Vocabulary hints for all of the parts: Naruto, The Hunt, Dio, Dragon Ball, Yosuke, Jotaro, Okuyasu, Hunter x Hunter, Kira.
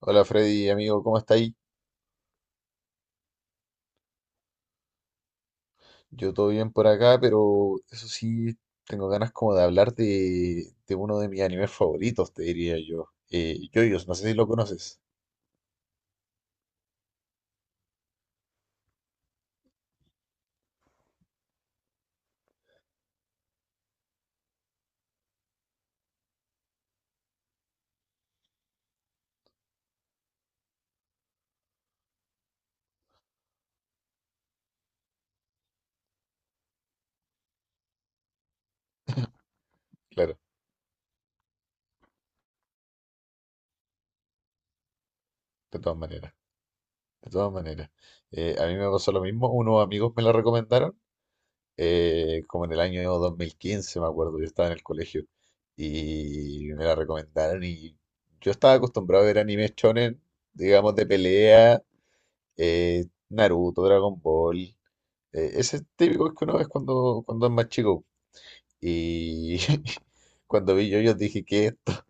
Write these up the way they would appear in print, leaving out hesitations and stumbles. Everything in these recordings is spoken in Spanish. Hola Freddy, amigo, ¿cómo está ahí? Yo todo bien por acá, pero eso sí, tengo ganas como de hablar de uno de mis animes favoritos, te diría yo. Yoyos, no sé si lo conoces. Claro, de todas maneras, de todas maneras. A mí me pasó lo mismo, unos amigos me lo recomendaron, como en el año 2015, me acuerdo, yo estaba en el colegio, y me la recomendaron y yo estaba acostumbrado a ver animes shonen, digamos, de pelea, Naruto, Dragon Ball. Ese típico es que uno es cuando, cuando es más chico. Y cuando vi yo, dije, ¿qué es esto?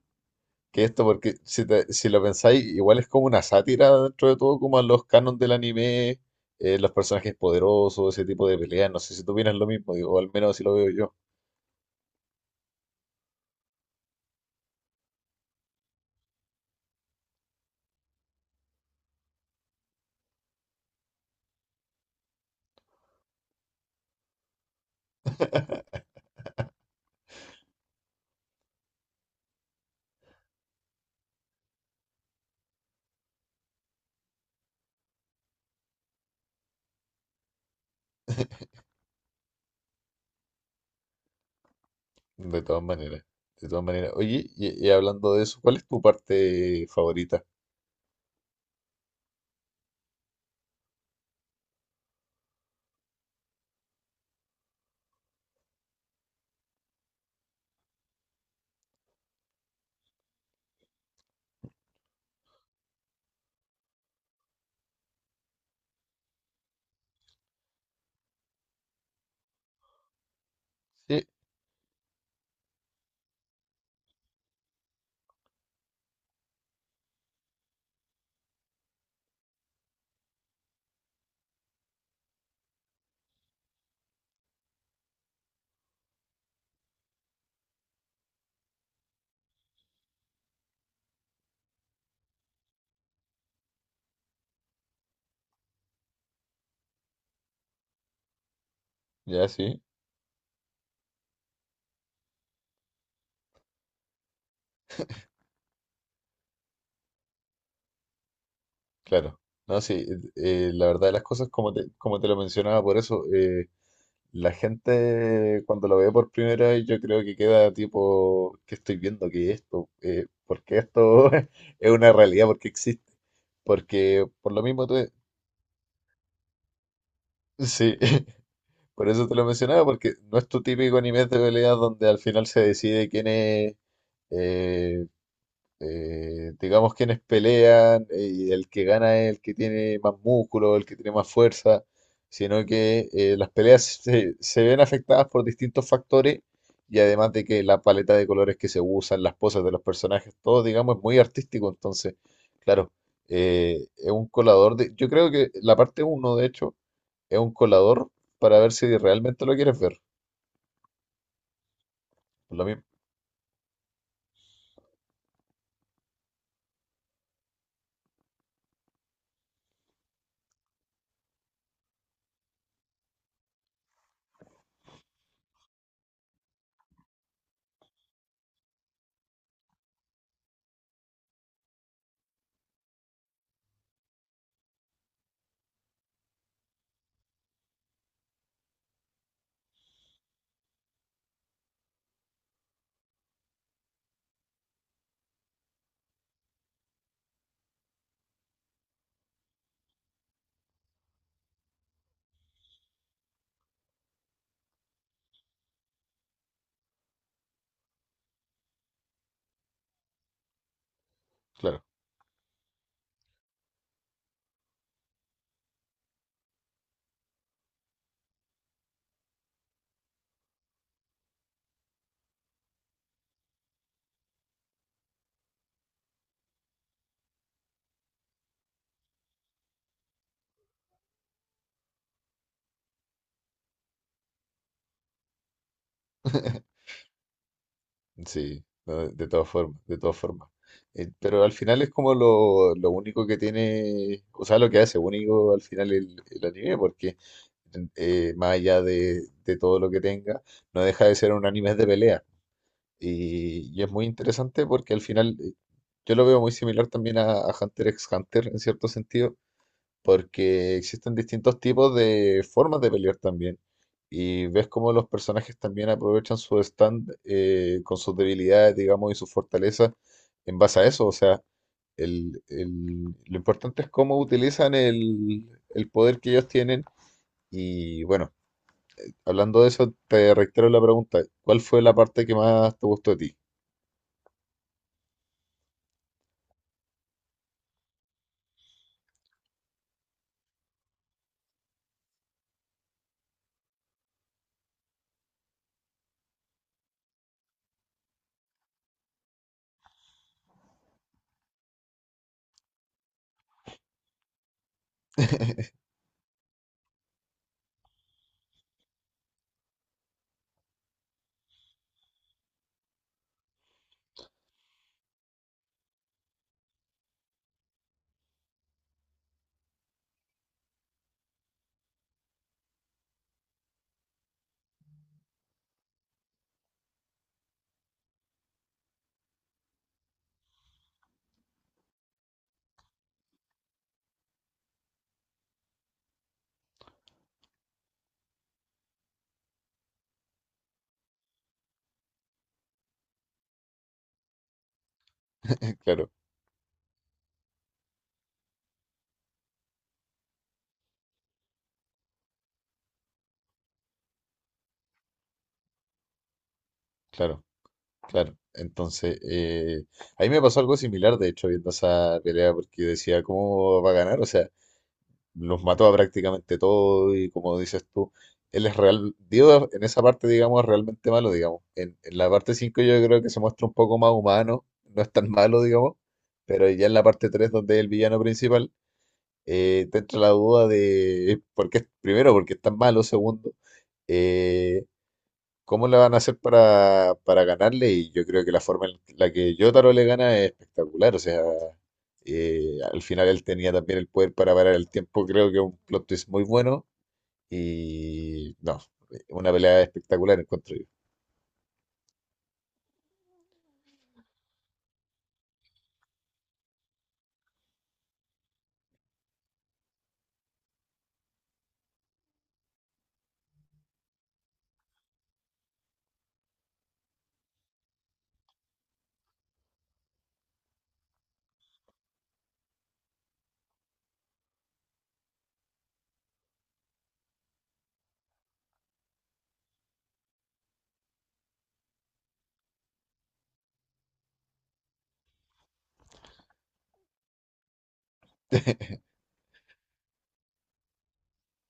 ¿Qué es esto? Porque si, si lo pensáis, igual es como una sátira dentro de todo, como a los canons del anime, los personajes poderosos, ese tipo de peleas. No sé si tú opinas lo mismo, digo, o al menos así lo veo yo. De todas maneras, de todas maneras. Oye, y hablando de eso, ¿cuál es tu parte favorita? Sí, ya sí, claro. No, sí, la verdad de las cosas, como te lo mencionaba, por eso. La gente cuando lo ve por primera vez yo creo que queda tipo, ¿qué estoy viendo? ¿Qué es esto? ¿Por qué esto es una realidad? ¿Por qué existe? Porque por lo mismo tú... Sí, por eso te lo mencionaba, porque no es tu típico anime de peleas donde al final se decide quién es, eh, digamos, quienes pelean, y el que gana es el que tiene más músculo, el que tiene más fuerza, sino que las peleas se ven afectadas por distintos factores y además de que la paleta de colores que se usan, las poses de los personajes, todo, digamos, es muy artístico, entonces, claro, es un colador de, yo creo que la parte uno de hecho, es un colador para ver si realmente lo quieres ver, lo mismo, claro. Sí, no, de todas formas, de todas formas. Pero al final es como lo único que tiene, o sea, lo que hace único al final el anime, porque más allá de todo lo que tenga, no deja de ser un anime de pelea. Y es muy interesante porque al final yo lo veo muy similar también a Hunter x Hunter en cierto sentido, porque existen distintos tipos de formas de pelear también. Y ves cómo los personajes también aprovechan su stand con sus debilidades, digamos, y sus fortalezas en base a eso. O sea, lo importante es cómo utilizan el poder que ellos tienen. Y bueno, hablando de eso, te reitero la pregunta, ¿cuál fue la parte que más te gustó de ti? Claro, claro. Claro, entonces, a mí me pasó algo similar, de hecho, viendo esa pelea, porque decía, ¿cómo va a ganar? O sea, los mató a prácticamente todo y como dices tú, él es real, Dio en esa parte, digamos, es realmente malo, digamos. En la parte 5 yo creo que se muestra un poco más humano, no es tan malo, digamos, pero ya en la parte 3 donde es el villano principal, te entra la duda de, por qué, primero, porque es tan malo, segundo, eh, ¿cómo le van a hacer para ganarle? Y yo creo que la forma en la que Jotaro le gana es espectacular. O sea, al final él tenía también el poder para parar el tiempo. Creo que es un plot twist muy bueno. Y no, una pelea espectacular encuentro yo.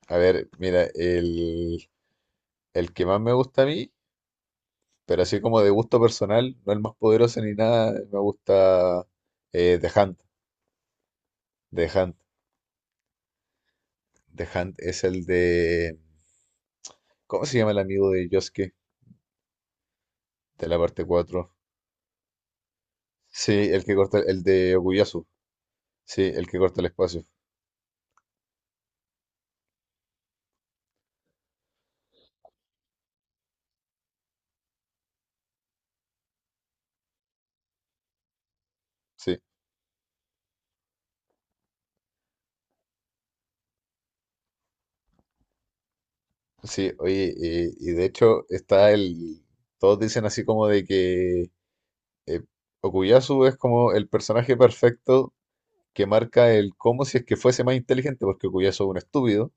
A ver, mira, el que más me gusta a mí, pero así como de gusto personal, no el más poderoso ni nada, me gusta The Hunt. The Hunt. The Hunt es el de... ¿Cómo se llama el amigo de Yosuke? De la parte cuatro. Sí, el que corta, el de Okuyasu. Sí, el que corta el espacio. Sí, sí, oye, y de hecho está el. Todos dicen así como de que eh, Okuyasu es como el personaje perfecto que marca el cómo si es que fuese más inteligente, porque Okuyasu es un estúpido.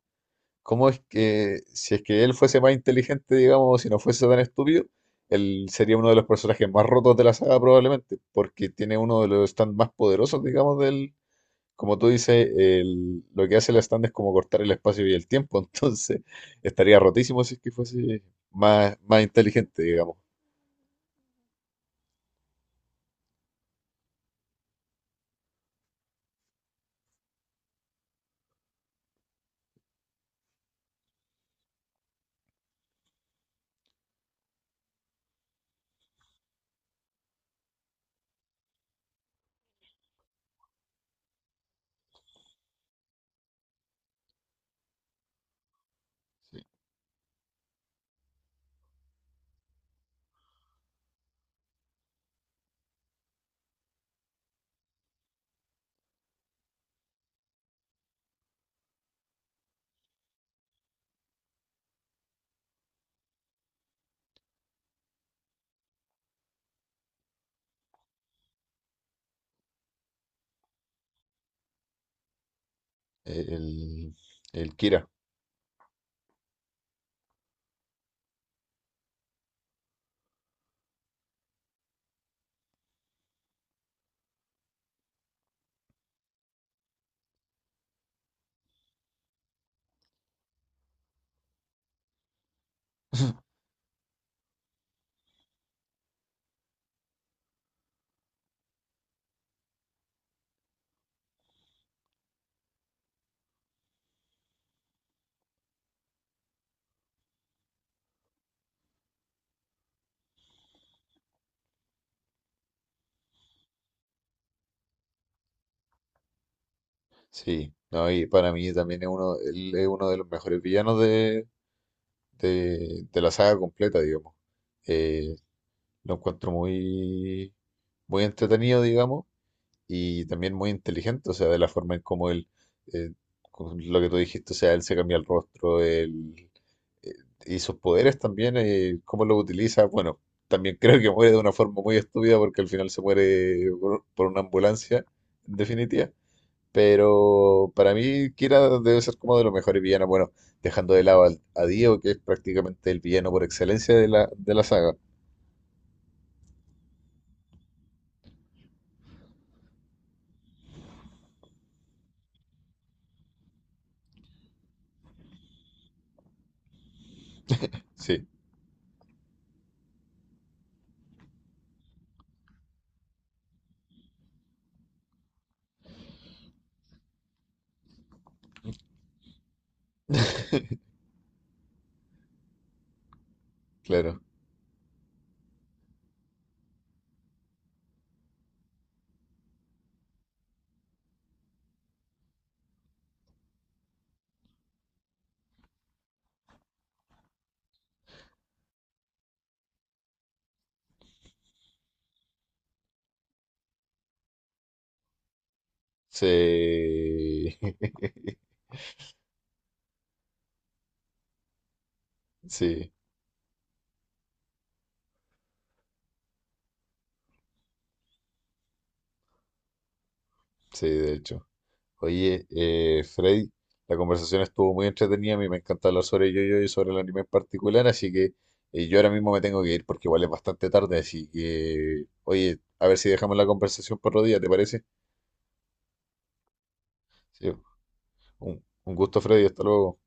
¿Cómo es que si es que él fuese más inteligente, digamos, si no fuese tan estúpido, él sería uno de los personajes más rotos de la saga probablemente, porque tiene uno de los stands más poderosos, digamos, del, como tú dices, el- lo que hace la stand es como cortar el espacio y el tiempo, entonces estaría rotísimo si es que fuese más, más inteligente, digamos, el, el Kira. Sí, no, y para mí también es uno, él es uno de los mejores villanos de la saga completa, digamos. Eh, lo encuentro muy, muy entretenido, digamos, y también muy inteligente, o sea, de la forma en cómo él, eh, con lo que tú dijiste, o sea, él se cambia el rostro, él, eh, y sus poderes también, cómo los utiliza, bueno, también creo que muere de una forma muy estúpida porque al final se muere por una ambulancia, en definitiva, pero para mí Kira debe ser como de los mejores villanos, bueno, dejando de lado a Dio, que es prácticamente el villano por excelencia de la saga, sí, claro. Sí, sí. Sí, de hecho. Oye, Freddy, la conversación estuvo muy entretenida. A mí me encanta hablar sobre yo y sobre el anime en particular. Así que yo ahora mismo me tengo que ir porque igual es bastante tarde. Así que, oye, a ver si dejamos la conversación para otro día, ¿te parece? Sí, un gusto, Freddy. Hasta luego.